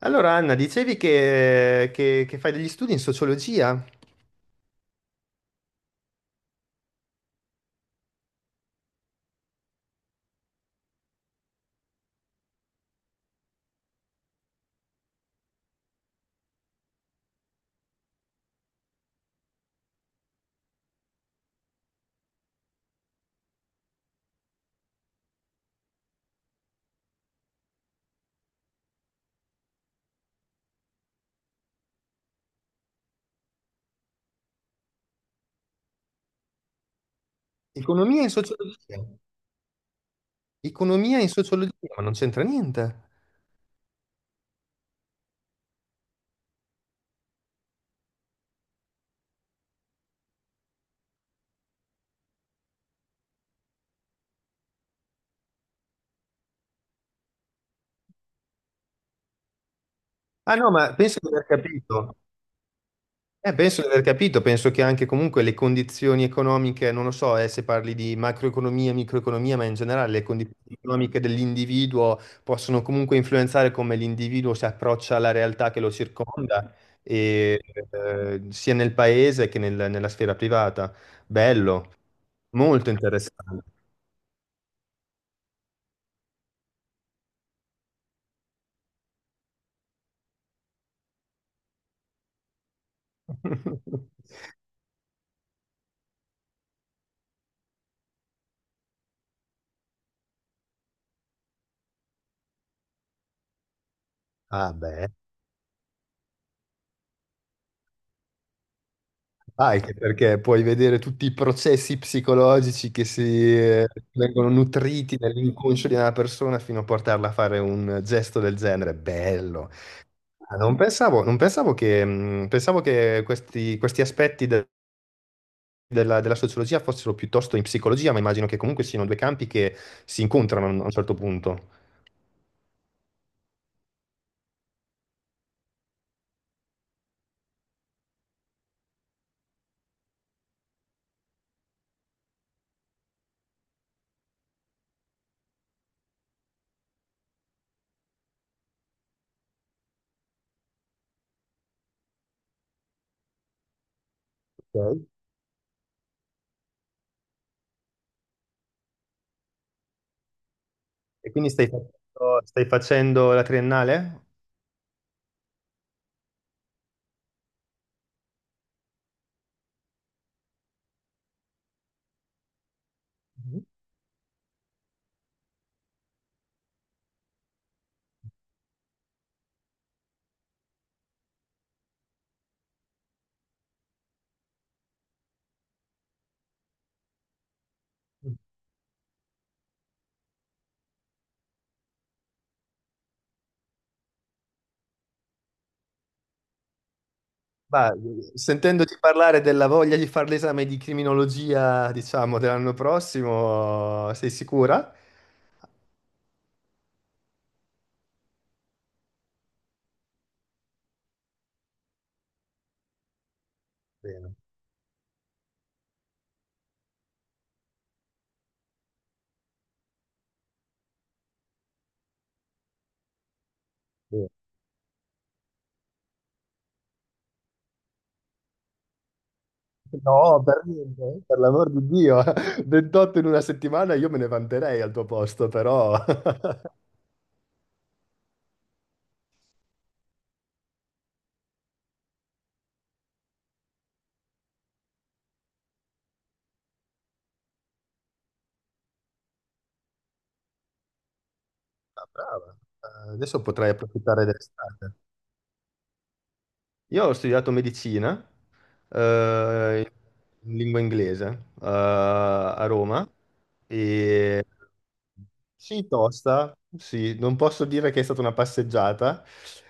Allora, Anna, dicevi che, che fai degli studi in sociologia, economia in sociologia, economia in sociologia, ma non c'entra niente. Ah no, ma penso di aver capito. Penso di aver capito, penso che anche comunque le condizioni economiche, non lo so, se parli di macroeconomia, microeconomia, ma in generale le condizioni economiche dell'individuo possono comunque influenzare come l'individuo si approccia alla realtà che lo circonda, e, sia nel paese nella sfera privata. Bello, molto interessante. Ah, beh. Ah, anche perché puoi vedere tutti i processi psicologici che si vengono nutriti nell'inconscio di una persona fino a portarla a fare un gesto del genere. Bello. Ah, non pensavo, non pensavo che, pensavo che questi, questi della, della sociologia fossero piuttosto in psicologia, ma immagino che comunque siano due campi che si incontrano a un certo punto. Ok. E quindi stai facendo la triennale? Mhm. Ma sentendoti parlare della voglia di fare l'esame di criminologia, diciamo, dell'anno prossimo, sei sicura? Bene, bene. No, per niente, per l'amor di Dio, 28 in una settimana io me ne vanterei al tuo posto, però... Ah, brava. Adesso potrai approfittare dell'estate. Io ho studiato medicina, eh, in lingua inglese, a Roma e sì, tosta, sì, non posso dire che è stata una passeggiata,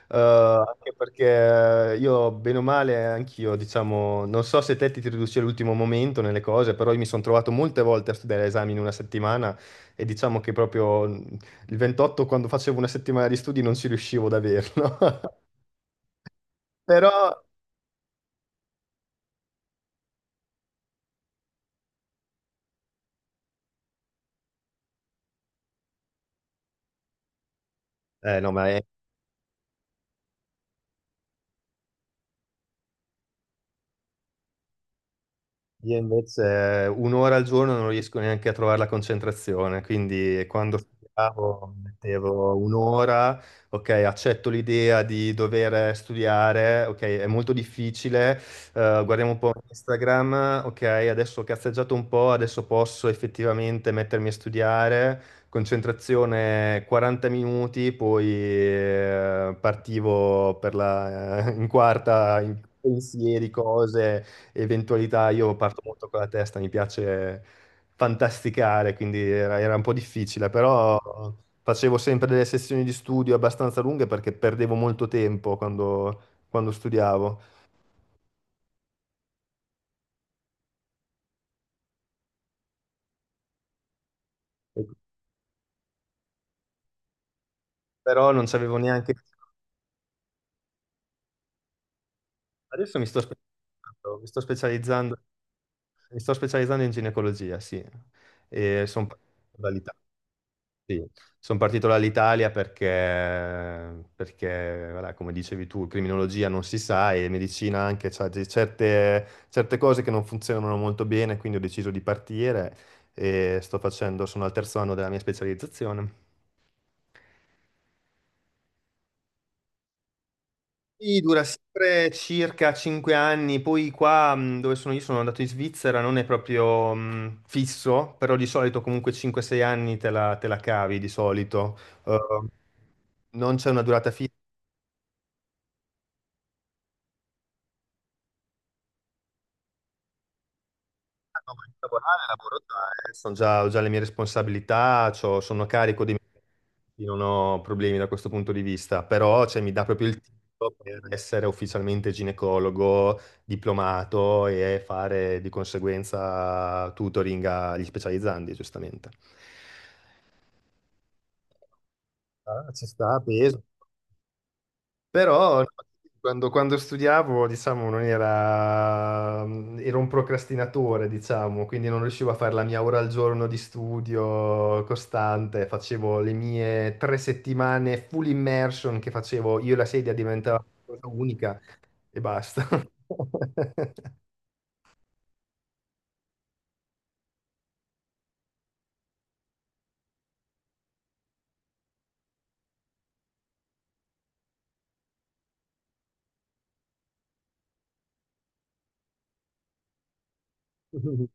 eh, anche perché io, bene o male, anch'io, diciamo, non so se te ti riduci all'ultimo momento nelle cose, però io mi sono trovato molte volte a studiare esami in una settimana e diciamo che proprio il 28, quando facevo una settimana di studi, non ci riuscivo ad averlo. Però... no, ma è Io invece un'ora al giorno non riesco neanche a trovare la concentrazione, quindi quando studiavo mettevo un'ora, ok, accetto l'idea di dover studiare, ok, è molto difficile, guardiamo un po' Instagram, ok, adesso ho cazzeggiato un po', adesso posso effettivamente mettermi a studiare, concentrazione 40 minuti, poi partivo per la, in quarta in pensieri, cose eventualità. Io parto molto con la testa, mi piace fantasticare, quindi era, era un po' difficile, però facevo sempre delle sessioni di studio abbastanza lunghe perché perdevo molto tempo quando, quando studiavo. E- Però non c'avevo neanche... Adesso mi sto specializzando, mi sto specializzando, mi sto specializzando in ginecologia, sì, e sono sì, sono partito dall'Italia perché, perché, voilà, come dicevi tu, criminologia non si sa e medicina anche, c'ha certe, certe cose che non funzionano molto bene, quindi ho deciso di partire e sto facendo, sono al 3º anno della mia specializzazione. Sì, dura sempre circa 5 anni, poi qua dove sono io sono andato in Svizzera, non è proprio fisso, però di solito comunque 5-6 anni te la cavi di solito. Non c'è una durata fissa. No, ma in lavorare, lavoro già, sono già, ho già le mie responsabilità, sono a carico di me, non ho problemi da questo punto di vista, però cioè, mi dà proprio il titolo per essere ufficialmente ginecologo, diplomato e fare di conseguenza tutoring agli specializzandi, giustamente. Ah, ci sta, peso. Però no, quando, quando studiavo, diciamo, non era... ero un procrastinatore, diciamo, quindi non riuscivo a fare la mia ora al giorno di studio costante, facevo le mie tre settimane full immersion che facevo, io e la sedia diventava una cosa unica e basta. Non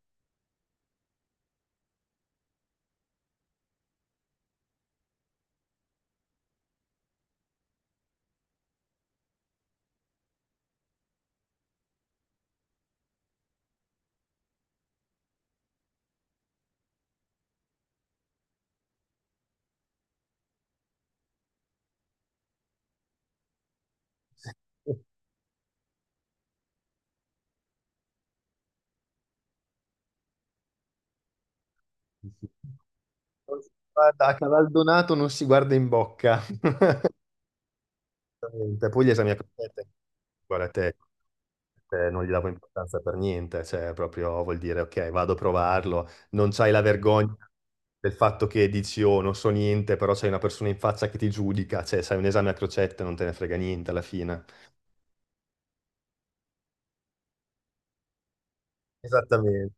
si guarda, a Cavaldonato non si guarda in bocca. Poi gli esami a crocette, guarda te. Non gli davo importanza per niente, cioè proprio vuol dire ok, vado a provarlo, non c'hai la vergogna del fatto che dici oh, non so niente, però c'hai una persona in faccia che ti giudica, cioè sai un esame a crocette, non te ne frega niente alla fine. Esattamente.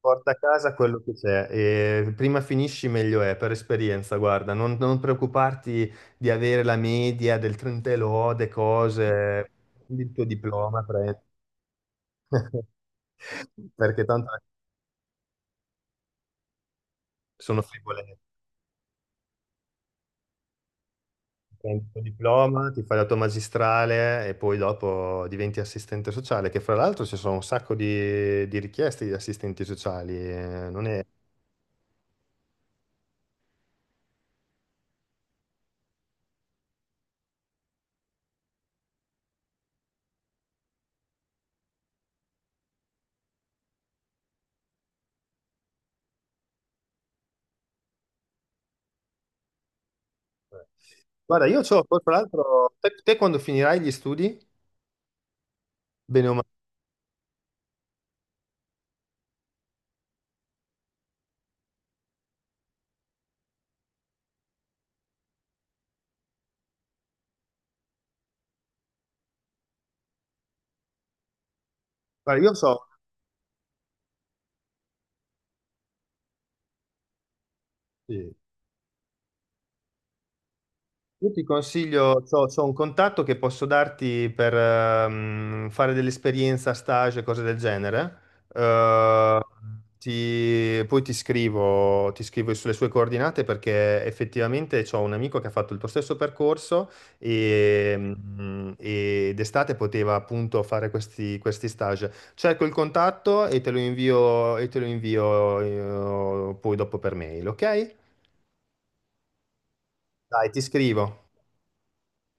Porta a casa quello che c'è e prima finisci meglio è, per esperienza, guarda, non, non preoccuparti di avere la media del 30 e lode, cose, prendi il tuo diploma, prendi. Perché tanto sono frivole. Prendi il tuo diploma, ti fai la tua magistrale e poi dopo diventi assistente sociale, che fra l'altro ci sono un sacco di richieste di assistenti sociali. Non è- Guarda, io so, poi fra l'altro, te, te quando finirai gli studi, bene o male, guarda, io so, sì. Io ti consiglio, ho un contatto che posso darti per fare dell'esperienza, stage, cose del genere. Eh, poi ti scrivo sulle sue coordinate perché effettivamente ho un amico che ha fatto il tuo stesso percorso e, e d'estate poteva appunto fare questi, questi stage. Cerco il contatto e te lo invio, e te lo invio poi dopo per mail, ok? Dai, ti scrivo.